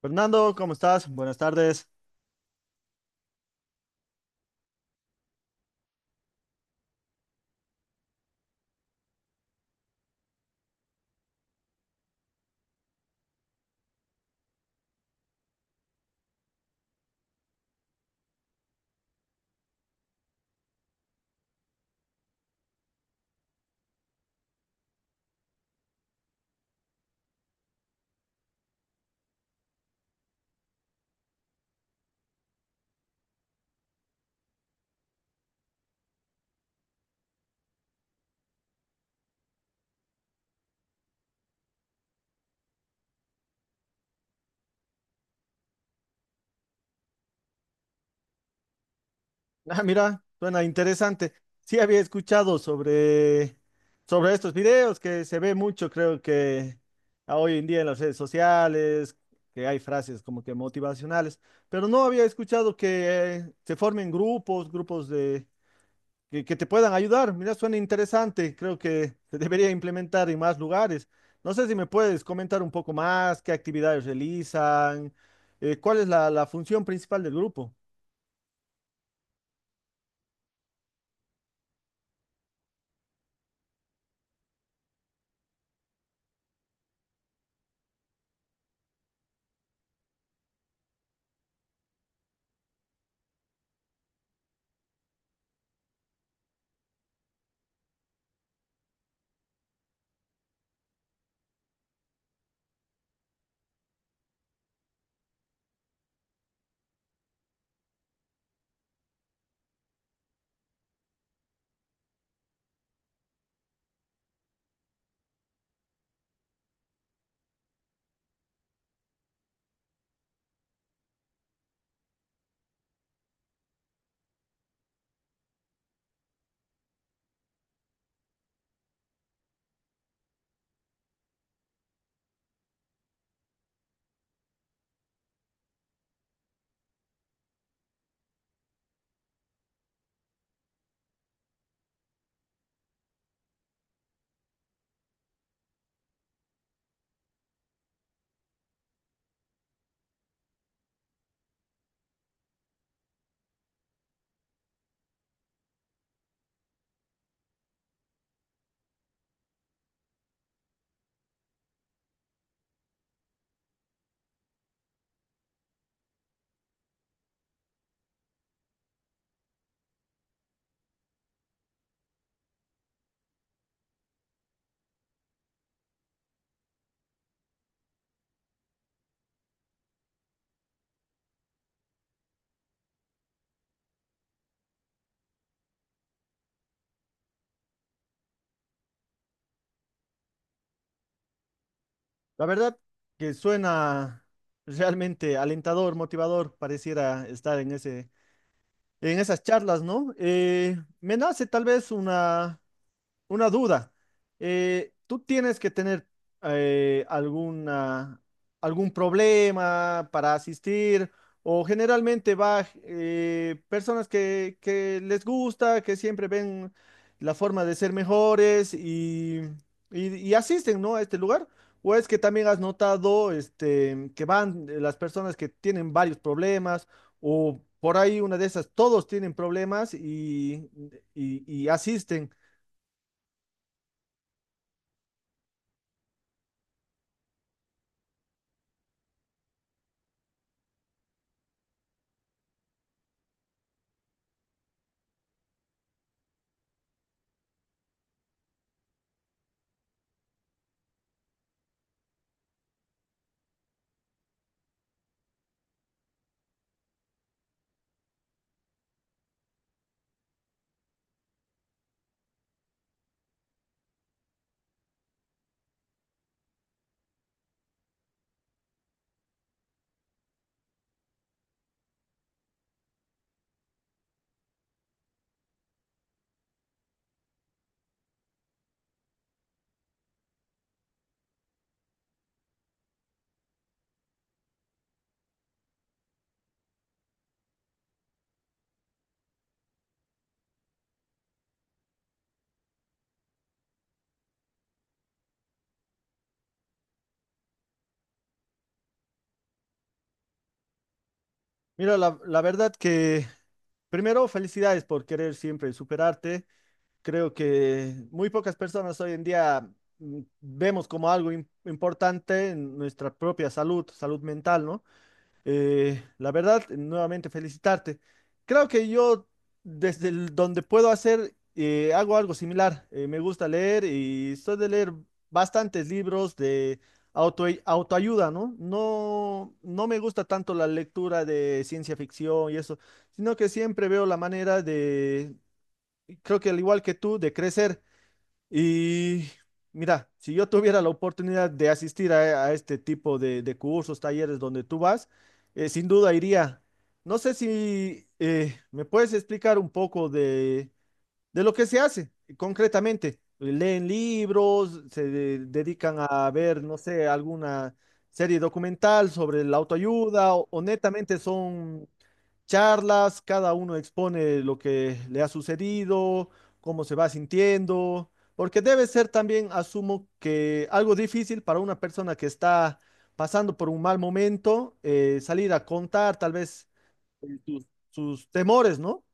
Fernando, ¿cómo estás? Buenas tardes. Ah, mira, suena interesante. Sí había escuchado sobre, sobre estos videos que se ve mucho, creo que a hoy en día en las redes sociales, que hay frases como que motivacionales, pero no había escuchado que se formen grupos, grupos de que te puedan ayudar. Mira, suena interesante. Creo que se debería implementar en más lugares. No sé si me puedes comentar un poco más, qué actividades realizan, cuál es la función principal del grupo. La verdad que suena realmente alentador, motivador, pareciera estar en ese, en esas charlas, ¿no? Me nace tal vez una duda. ¿Tú tienes que tener alguna, algún problema para asistir? ¿O generalmente va personas que les gusta, que siempre ven la forma de ser mejores y asisten, ¿no? a este lugar? ¿O es que también has notado este, que van las personas que tienen varios problemas o por ahí una de esas, todos tienen problemas y asisten? Mira, la verdad que primero felicidades por querer siempre superarte. Creo que muy pocas personas hoy en día vemos como algo importante en nuestra propia salud, salud mental, ¿no? La verdad, nuevamente felicitarte. Creo que yo, donde puedo hacer, hago algo similar. Me gusta leer y soy de leer bastantes libros de autoayuda, ¿no? No, no me gusta tanto la lectura de ciencia ficción y eso, sino que siempre veo la manera de, creo que al igual que tú, de crecer. Y mira, si yo tuviera la oportunidad de asistir a este tipo de cursos, talleres donde tú vas, sin duda iría. No sé si me puedes explicar un poco de lo que se hace concretamente. Leen libros, dedican a ver, no sé, alguna serie documental sobre la autoayuda o netamente son charlas, cada uno expone lo que le ha sucedido, cómo se va sintiendo, porque debe ser también, asumo, que algo difícil para una persona que está pasando por un mal momento, salir a contar tal vez sus temores, ¿no?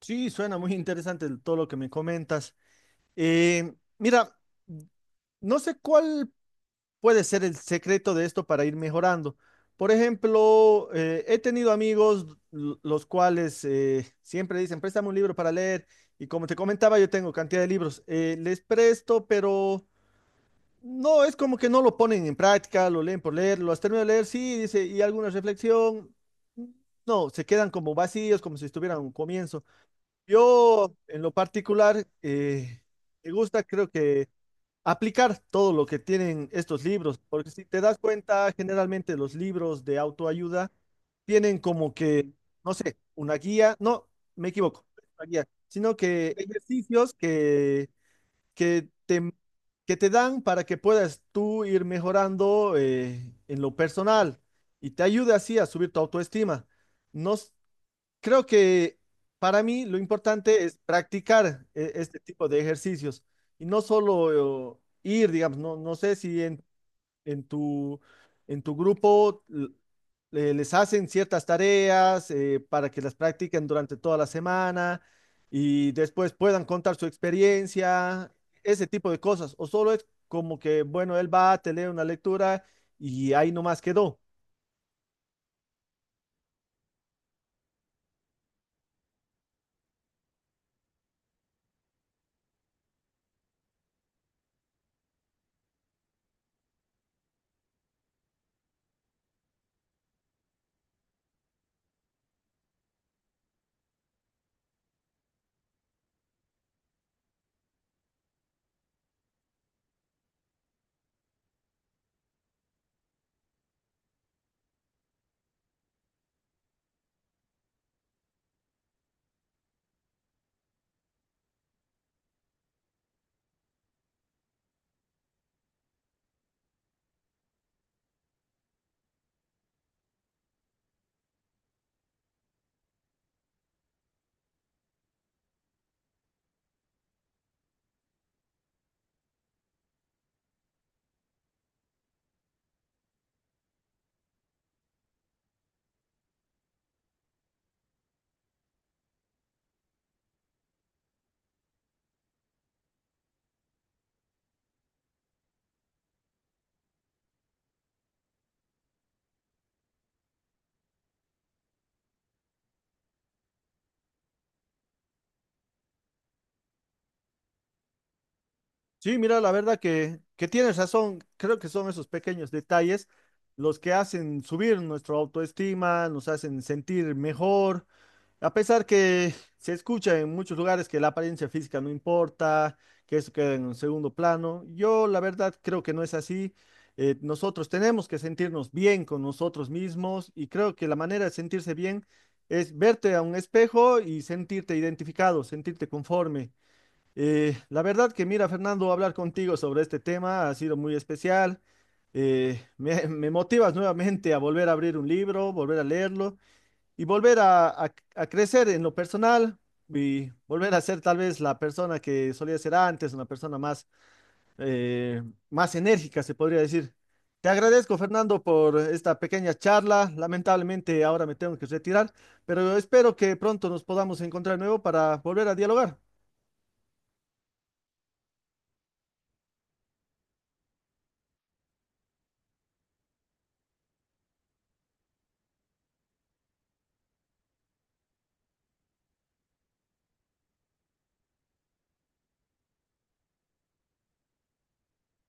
Sí, suena muy interesante todo lo que me comentas. Mira, no sé cuál puede ser el secreto de esto para ir mejorando. Por ejemplo, he tenido amigos los cuales siempre dicen, préstame un libro para leer. Y como te comentaba, yo tengo cantidad de libros. Les presto, pero no, es como que no lo ponen en práctica, lo leen por leer, lo has terminado de leer, sí, dice, y alguna reflexión. No, se quedan como vacíos, como si estuvieran a un comienzo. Yo, en lo particular, me gusta, creo que aplicar todo lo que tienen estos libros, porque si te das cuenta, generalmente los libros de autoayuda tienen como que, no sé, una guía, no, me equivoco, una guía, sino que ejercicios que te, que te dan para que puedas tú ir mejorando en lo personal y te ayude así a subir tu autoestima. No, s- Creo que para mí lo importante es practicar este tipo de ejercicios y no solo ir, digamos, no, no sé si en, en tu, en tu grupo les hacen ciertas tareas para que las practiquen durante toda la semana y después puedan contar su experiencia, ese tipo de cosas, o solo es como que, bueno, él va, te lee una lectura y ahí nomás quedó. Sí, mira, la verdad que tienes razón. Creo que son esos pequeños detalles los que hacen subir nuestra autoestima, nos hacen sentir mejor. A pesar que se escucha en muchos lugares que la apariencia física no importa, que eso queda en un segundo plano, yo la verdad creo que no es así. Nosotros tenemos que sentirnos bien con nosotros mismos y creo que la manera de sentirse bien es verte a un espejo y sentirte identificado, sentirte conforme. La verdad que mira, Fernando, hablar contigo sobre este tema ha sido muy especial. Me motivas nuevamente a volver a abrir un libro, volver a leerlo y volver a, a crecer en lo personal y volver a ser tal vez la persona que solía ser antes, una persona más, eh, más enérgica, se podría decir. Te agradezco, Fernando, por esta pequeña charla. Lamentablemente ahora me tengo que retirar, pero espero que pronto nos podamos encontrar de nuevo para volver a dialogar.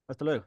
Hasta luego.